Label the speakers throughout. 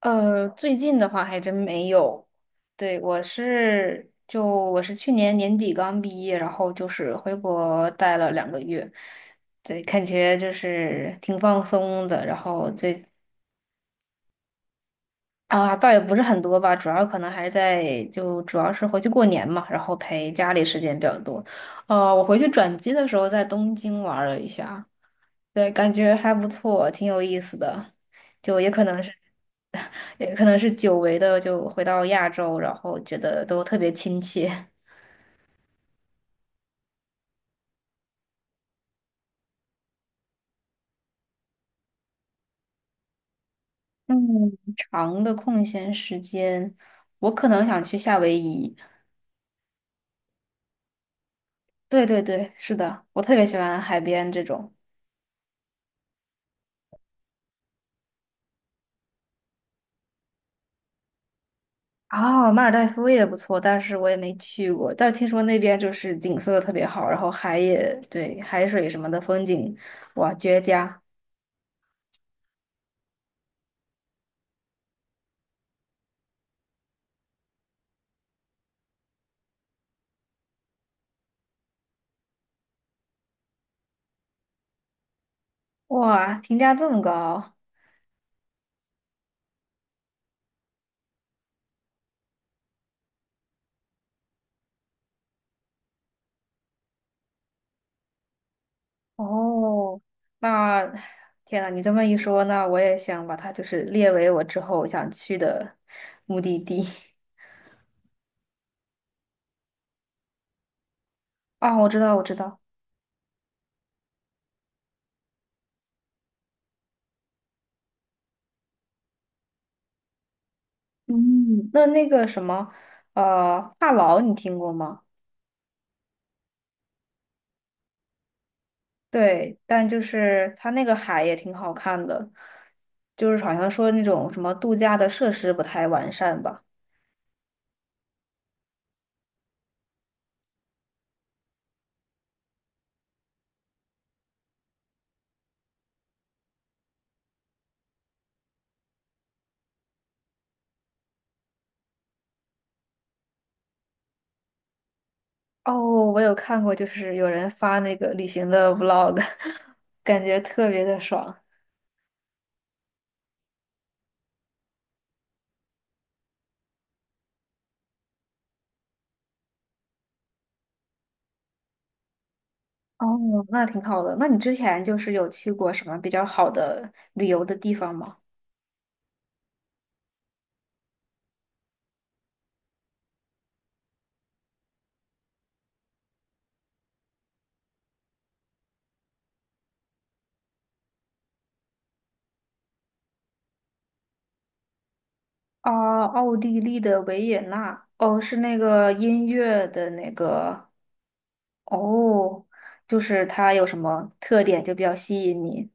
Speaker 1: 最近的话还真没有。对，我是去年年底刚毕业，然后就是回国待了2个月，对，感觉就是挺放松的。然后啊，倒也不是很多吧，主要可能还是在就主要是回去过年嘛，然后陪家里时间比较多。我回去转机的时候在东京玩了一下，对，感觉还不错，挺有意思的。就也可能是，也可能是久违的，就回到亚洲，然后觉得都特别亲切。嗯，长的空闲时间，我可能想去夏威夷。对对对，是的，我特别喜欢海边这种。哦，马尔代夫也不错，但是我也没去过。但听说那边就是景色特别好，然后海也，对，海水什么的风景，哇，绝佳！哇，评价这么高。哦，那天呐，你这么一说，那我也想把它就是列为我之后想去的目的地。啊，我知道，我知道。嗯，那那个什么，帕劳你听过吗？对，但就是它那个海也挺好看的，就是好像说那种什么度假的设施不太完善吧。哦，我有看过，就是有人发那个旅行的 vlog,感觉特别的爽。哦，那挺好的。那你之前就是有去过什么比较好的旅游的地方吗？啊，奥地利的维也纳，哦，是那个音乐的那个，哦，就是它有什么特点就比较吸引你？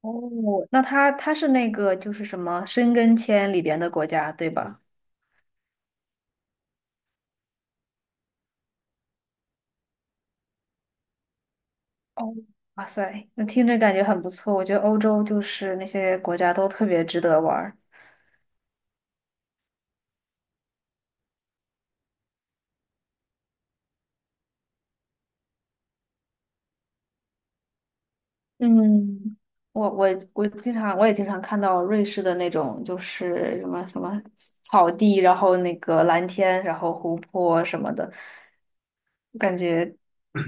Speaker 1: 哦，那它是那个就是什么申根签里边的国家，对吧？哦，哇塞，那听着感觉很不错。我觉得欧洲就是那些国家都特别值得玩儿。嗯，我我我也经常看到瑞士的那种，就是什么什么草地，然后那个蓝天，然后湖泊什么的，感觉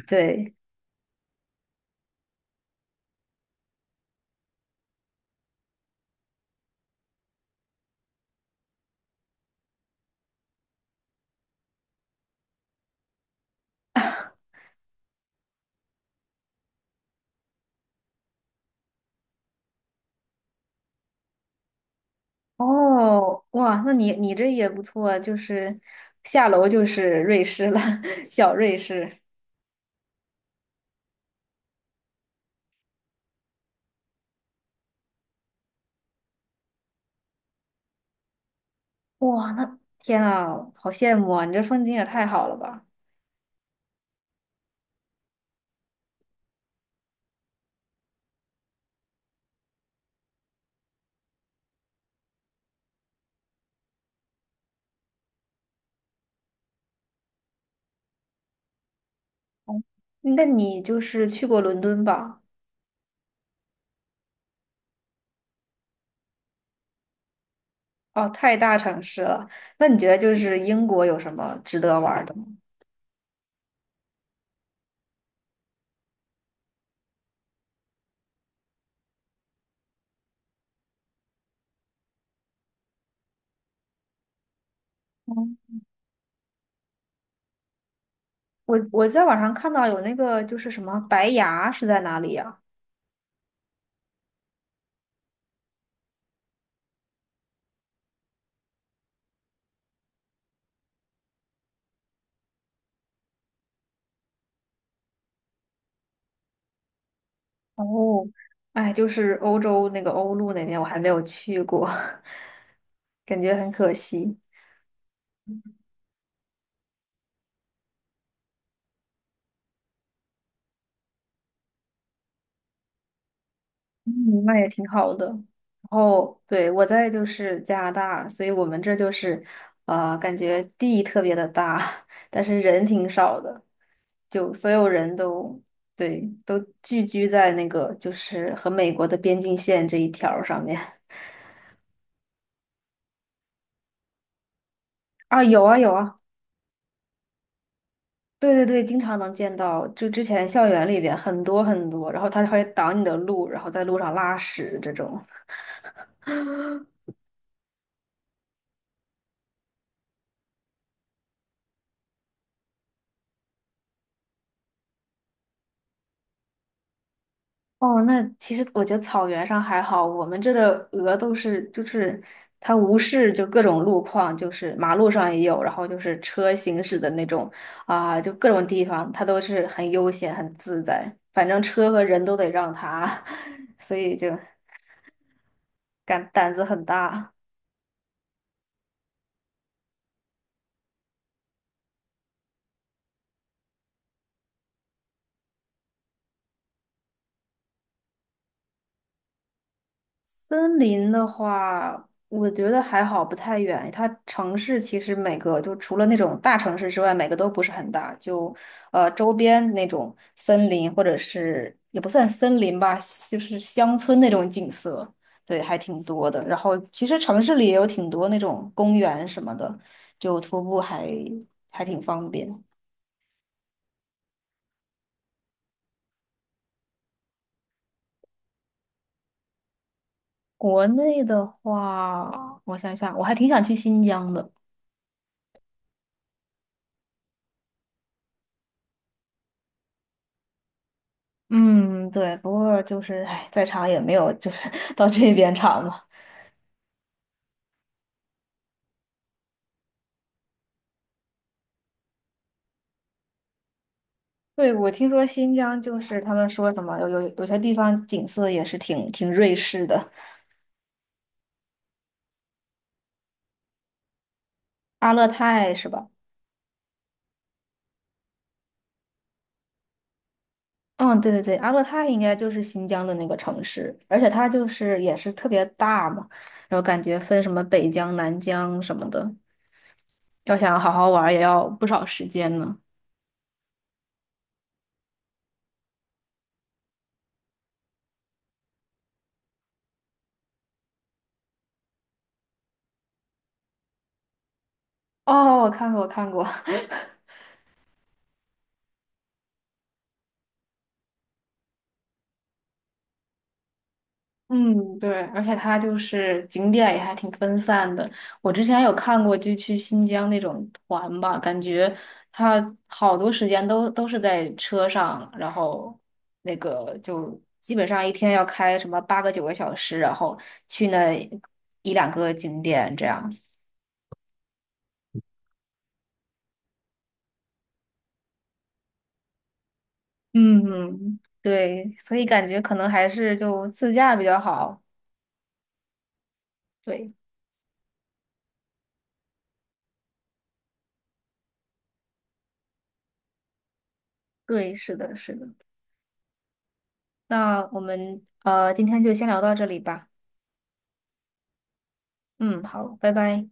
Speaker 1: 对。哦，哇，那你这也不错，就是下楼就是瑞士了，小瑞士。哇，那天啊，好羡慕啊！你这风景也太好了吧？那你就是去过伦敦吧？哦，太大城市了。那你觉得就是英国有什么值得玩儿的吗？我在网上看到有那个就是什么白牙是在哪里呀、哦，哎，就是欧洲那个欧陆那边，我还没有去过，感觉很可惜。嗯，那也挺好的。然后对，我在就是加拿大，所以我们这就是感觉地特别的大，但是人挺少的，就所有人都对都聚居在那个就是和美国的边境线这一条儿上面。啊，有啊有啊，对对对，经常能见到，就之前校园里边很多很多，然后它会挡你的路，然后在路上拉屎这种。哦，那其实我觉得草原上还好，我们这的鹅都是就是它无视就各种路况，就是马路上也有，然后就是车行驶的那种啊，就各种地方它都是很悠闲很自在，反正车和人都得让它，所以就敢胆子很大。森林的话，我觉得还好，不太远。它城市其实每个就除了那种大城市之外，每个都不是很大。就周边那种森林，或者是也不算森林吧，就是乡村那种景色，对，还挺多的。然后其实城市里也有挺多那种公园什么的，就徒步还挺方便。国内的话，我想想，我还挺想去新疆的。嗯，对，不过就是，哎，再长也没有，就是 到这边长嘛。对，我听说新疆就是他们说什么有些地方景色也是挺瑞士的，阿勒泰是吧？嗯，对对对，阿勒泰应该就是新疆的那个城市，而且它就是也是特别大嘛，然后感觉分什么北疆、南疆什么的，要想好好玩儿也要不少时间呢。哦，我看过，我看过。嗯，对，而且它就是景点也还挺分散的。我之前有看过，就去新疆那种团吧，感觉它好多时间都是在车上，然后那个就基本上一天要开什么8个9个小时，然后去那一两个景点这样。嗯，对，所以感觉可能还是就自驾比较好。对，对，是的，是的。那我们今天就先聊到这里吧。嗯，好，拜拜。